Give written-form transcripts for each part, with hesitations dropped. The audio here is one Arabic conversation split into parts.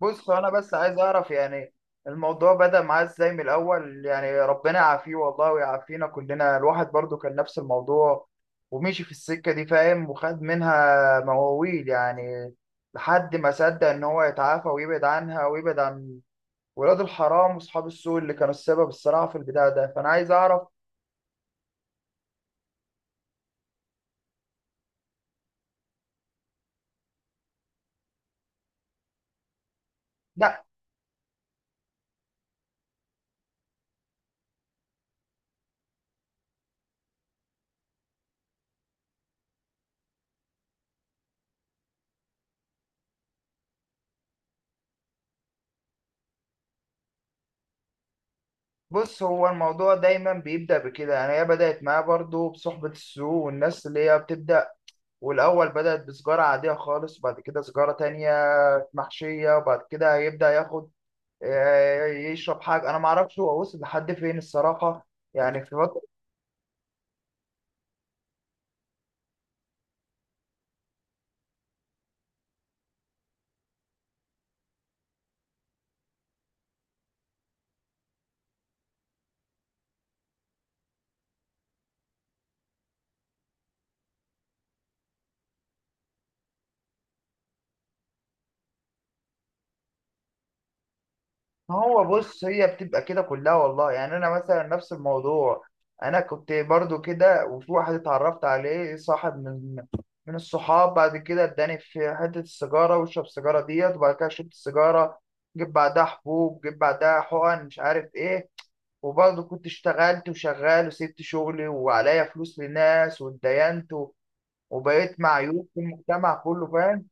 بص انا بس عايز اعرف يعني الموضوع بدأ معاه ازاي من الاول. يعني ربنا يعافيه والله ويعافينا كلنا، الواحد برضو كان نفس الموضوع ومشي في السكة دي، فاهم؟ وخد منها مواويل يعني، لحد ما صدق ان هو يتعافى ويبعد عنها ويبعد عن ولاد الحرام واصحاب السوء اللي كانوا السبب الصراحة في البداية ده. فانا عايز اعرف. لا. بص، هو الموضوع دايما بيبدأ بكده، يعني هي بدأت معاه برضو بصحبة السوء والناس اللي هي بتبدأ، والأول بدأت بسجارة عادية خالص، وبعد كده سجارة تانية محشية، وبعد كده هيبدأ ياخد، آه، يشرب حاجة. أنا معرفش هو وصل لحد فين الصراحة، يعني في فترة. هو بص، هي بتبقى كده كلها والله، يعني أنا مثلا نفس الموضوع، أنا كنت برضو كده، وفي واحد اتعرفت عليه صاحب من الصحاب، بعد كده اداني في حتة السيجارة، واشرب السيجارة ديت، وبعد كده شربت السيجارة، جيب بعدها حبوب، جيب بعدها حقن، مش عارف ايه. وبرضه كنت اشتغلت وشغال وسبت شغلي وعليا فلوس لناس واتدينت وبقيت معيوب في المجتمع كله، فاهم؟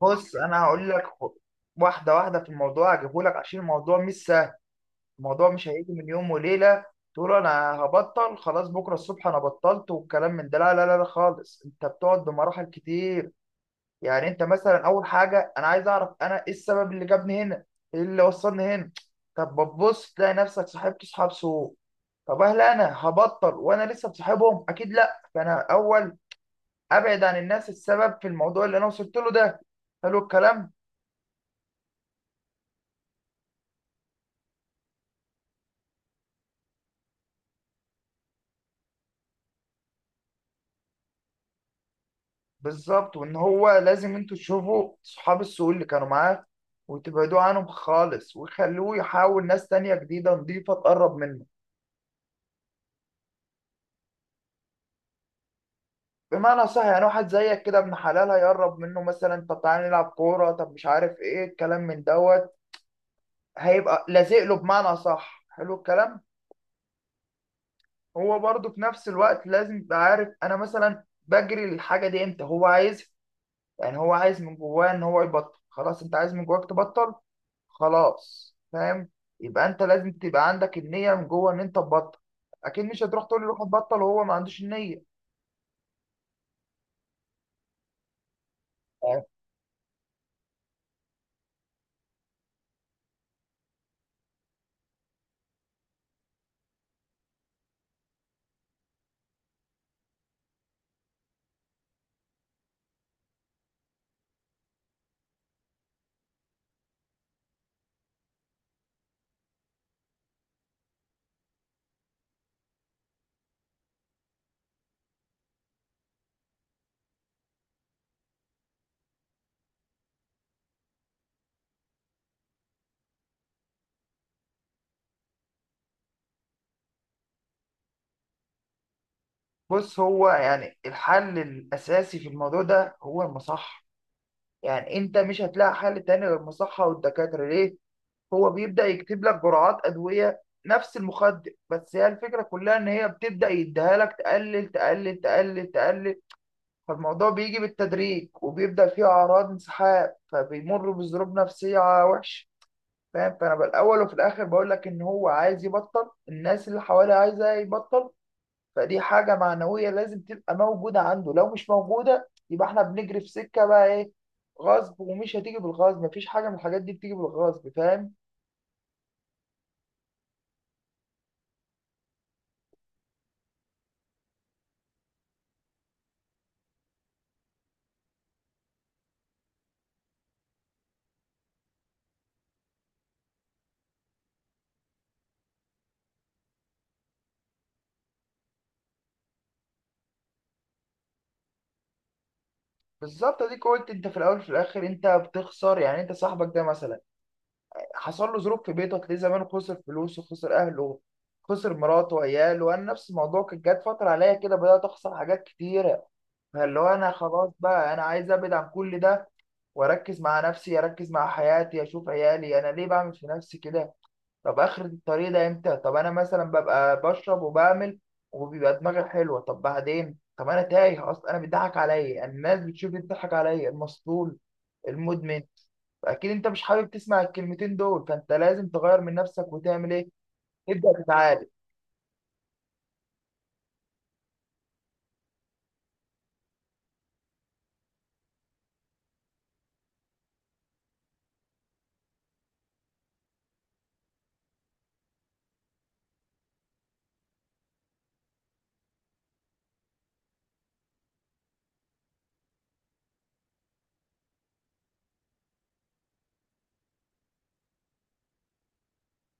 بص انا هقول لك واحده واحده. في الموضوع هجيبه لك، عشان الموضوع مش سهل، الموضوع مش هيجي من يوم وليله. تقول انا هبطل خلاص بكره الصبح، انا بطلت والكلام من ده، لا لا لا لا خالص. انت بتقعد بمراحل كتير، يعني انت مثلا اول حاجه، انا عايز اعرف انا ايه السبب اللي جابني هنا، ايه اللي وصلني هنا. طب بتبص تلاقي نفسك صاحبت اصحاب سوء، طب هل انا هبطل وانا لسه بصاحبهم؟ اكيد لا. فانا اول ابعد عن الناس السبب في الموضوع اللي انا وصلت له ده. حلو الكلام. بالظبط، وان هو لازم انتوا تشوفوا صحاب السوق اللي كانوا معاه وتبعدوا عنهم خالص، وخلوه يحاول ناس تانية جديدة نضيفة تقرب منه. بمعنى صح، يعني واحد زيك كده، ابن حلال، هيقرب منه مثلا، طب تعالى نلعب كورة، طب مش عارف ايه، الكلام من دوت، هيبقى لازق له. بمعنى صح، حلو الكلام. هو برضه في نفس الوقت لازم يبقى عارف انا مثلا بجري للحاجه دي امتى، هو عايز، يعني هو عايز من جواه ان هو يبطل خلاص، انت عايز من جواك تبطل خلاص، فاهم؟ يبقى انت لازم تبقى عندك النيه من جوه ان انت تبطل، اكيد مش هتروح تقول له روح تبطل وهو ما عندوش النيه. يعني. بص، هو يعني الحل الاساسي في الموضوع ده هو المصحه، يعني انت مش هتلاقي حل تاني غير المصحه والدكاتره. ليه؟ هو بيبدأ يكتب لك جرعات أدوية نفس المخدر، بس هي الفكرة كلها إن هي بتبدأ يديها لك تقلل تقلل تقلل تقلل، فالموضوع بيجي بالتدريج، وبيبدأ فيه أعراض انسحاب، فبيمر بظروف نفسية وحشة، فاهم؟ فأنا بالأول وفي الآخر بقول لك إن هو عايز يبطل، الناس اللي حواليه عايزة يبطل، فدي حاجة معنوية لازم تبقى موجودة عنده، لو مش موجودة يبقى إحنا بنجري في سكة بقى إيه، غصب. ومش هتيجي بالغصب، مفيش حاجة من الحاجات دي بتيجي بالغصب، فاهم؟ بالظبط. اديك قلت انت في الاول وفي الاخر انت بتخسر، يعني انت صاحبك ده مثلا حصل له ظروف في بيته، هتلاقيه زمان خسر فلوسه، خسر اهله، خسر مراته وعياله. وانا نفس الموضوع، كانت جت فتره عليا كده بدات اخسر حاجات كتيره، فاللي هو انا خلاص بقى، انا عايز ابعد عن كل ده واركز مع نفسي، اركز مع حياتي، اشوف عيالي، انا ليه بعمل في نفسي كده؟ طب اخر الطريق ده امتى؟ طب انا مثلا ببقى بشرب وبعمل، وبيبقى دماغي حلوه، طب بعدين؟ طب انا تايه اصلا، انا بيضحك عليا الناس، بتشوف بتضحك عليا المسطول، المدمن. اكيد انت مش حابب تسمع الكلمتين دول، فانت لازم تغير من نفسك وتعمل ايه، تبدا تتعالج.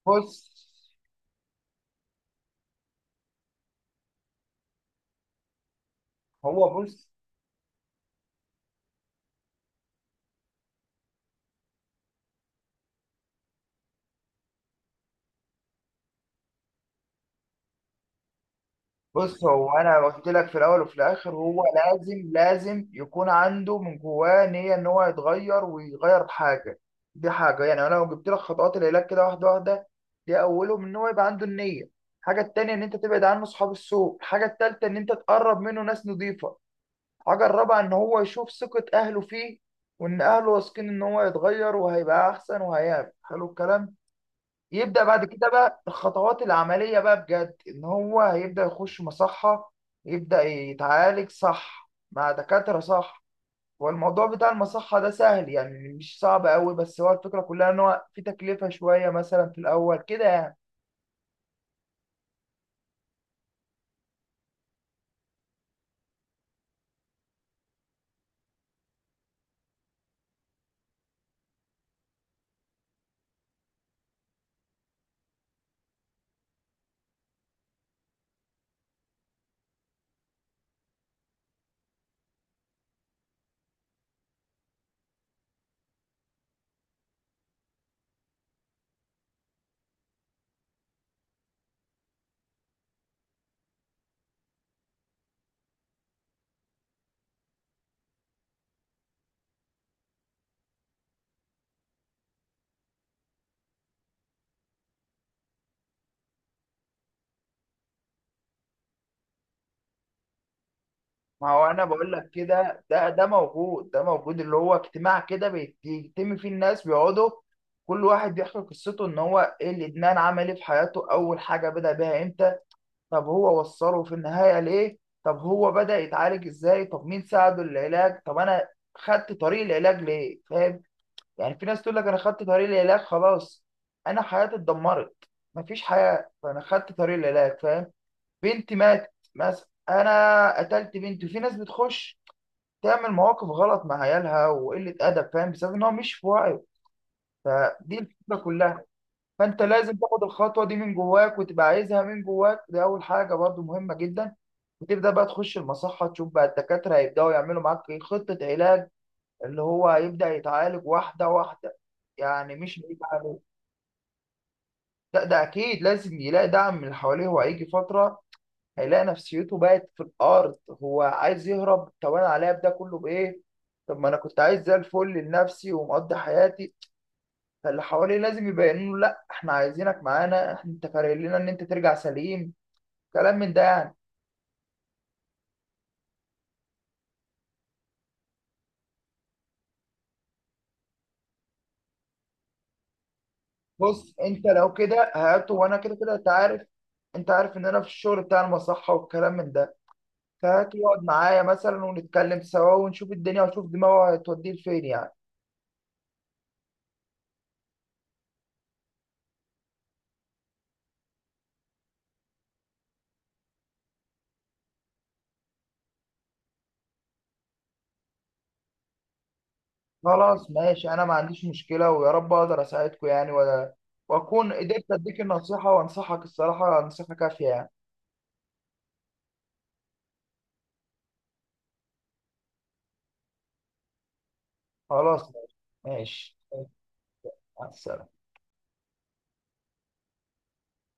بص هو بص بص هو انا قلت لك في الاول وفي الاخر، هو لازم لازم يكون عنده من جواه نيه ان هو يتغير ويغير حاجه. دي حاجه، يعني انا لو جبت لك خطوات العلاج كده واحده واحده، دي اولهم ان هو يبقى عنده النيه. الحاجه التانيه ان انت تبعد عنه اصحاب السوء. الحاجه التالته ان انت تقرب منه ناس نظيفه. حاجة الرابعة إن هو يشوف ثقة أهله فيه، وإن أهله واثقين إن هو يتغير وهيبقى أحسن وهيعمل، حلو الكلام. يبدأ بعد كده بقى الخطوات العملية بقى بجد، إن هو هيبدأ يخش مصحة، يبدأ يتعالج صح مع دكاترة صح. والموضوع بتاع المصحة ده سهل، يعني مش صعب أوي، بس هو الفكرة كلها إن هو في تكلفة شوية مثلا في الأول كده يعني. ما هو انا بقول لك كده، ده موجود، ده موجود، اللي هو اجتماع كده بيتم فيه، الناس بيقعدوا كل واحد بيحكي قصته، ان هو ايه الادمان، عمل ايه في حياته، اول حاجه بدا بيها امتى، طب هو وصله في النهايه ليه، طب هو بدا يتعالج ازاي، طب مين ساعده العلاج، طب انا خدت طريق العلاج ليه، فاهم؟ يعني في ناس تقول لك انا خدت طريق العلاج خلاص، انا حياتي اتدمرت، مفيش حياه، فانا خدت طريق العلاج، فاهم؟ بنتي ماتت مثلا، انا قتلت بنتي، في ناس بتخش تعمل مواقف غلط مع عيالها وقلة أدب، فاهم؟ بسبب إن هو مش في وعيه. فدي الفكرة كلها. فأنت لازم تاخد الخطوة دي من جواك، وتبقى عايزها من جواك، دي أول حاجة برضو مهمة جدا. وتبدأ بقى تخش المصحة، تشوف بقى الدكاترة هيبدأوا يعملوا معاك إيه؟ خطة علاج، اللي هو هيبدأ يتعالج واحدة واحدة، يعني مش هيجي عليه. لا، ده أكيد لازم يلاقي دعم من اللي حواليه. وهيجي فترة هيلاقي نفسيته بقت في الارض، هو عايز يهرب، طب انا عليا ده كله بايه، طب ما انا كنت عايز زي الفل لنفسي ومقضي حياتي. فاللي حواليه لازم يبينوا له لا احنا عايزينك معانا، انت فارق لنا ان انت ترجع سليم، كلام من ده يعني. بص انت لو كده هاته، وانا كده كده انت عارف، انت عارف ان انا في الشغل بتاع المصحة والكلام من ده، فهاته يقعد معايا مثلا، ونتكلم سوا، ونشوف الدنيا ونشوف دماغه هتوديه لفين يعني. خلاص ماشي، انا ما عنديش مشكله، ويا رب اقدر اساعدكم يعني واكون قدرت اديك النصيحه، وانصحك الصراحه نصيحه كافيه يعني. خلاص ماشي. ماشي. مع السلامه.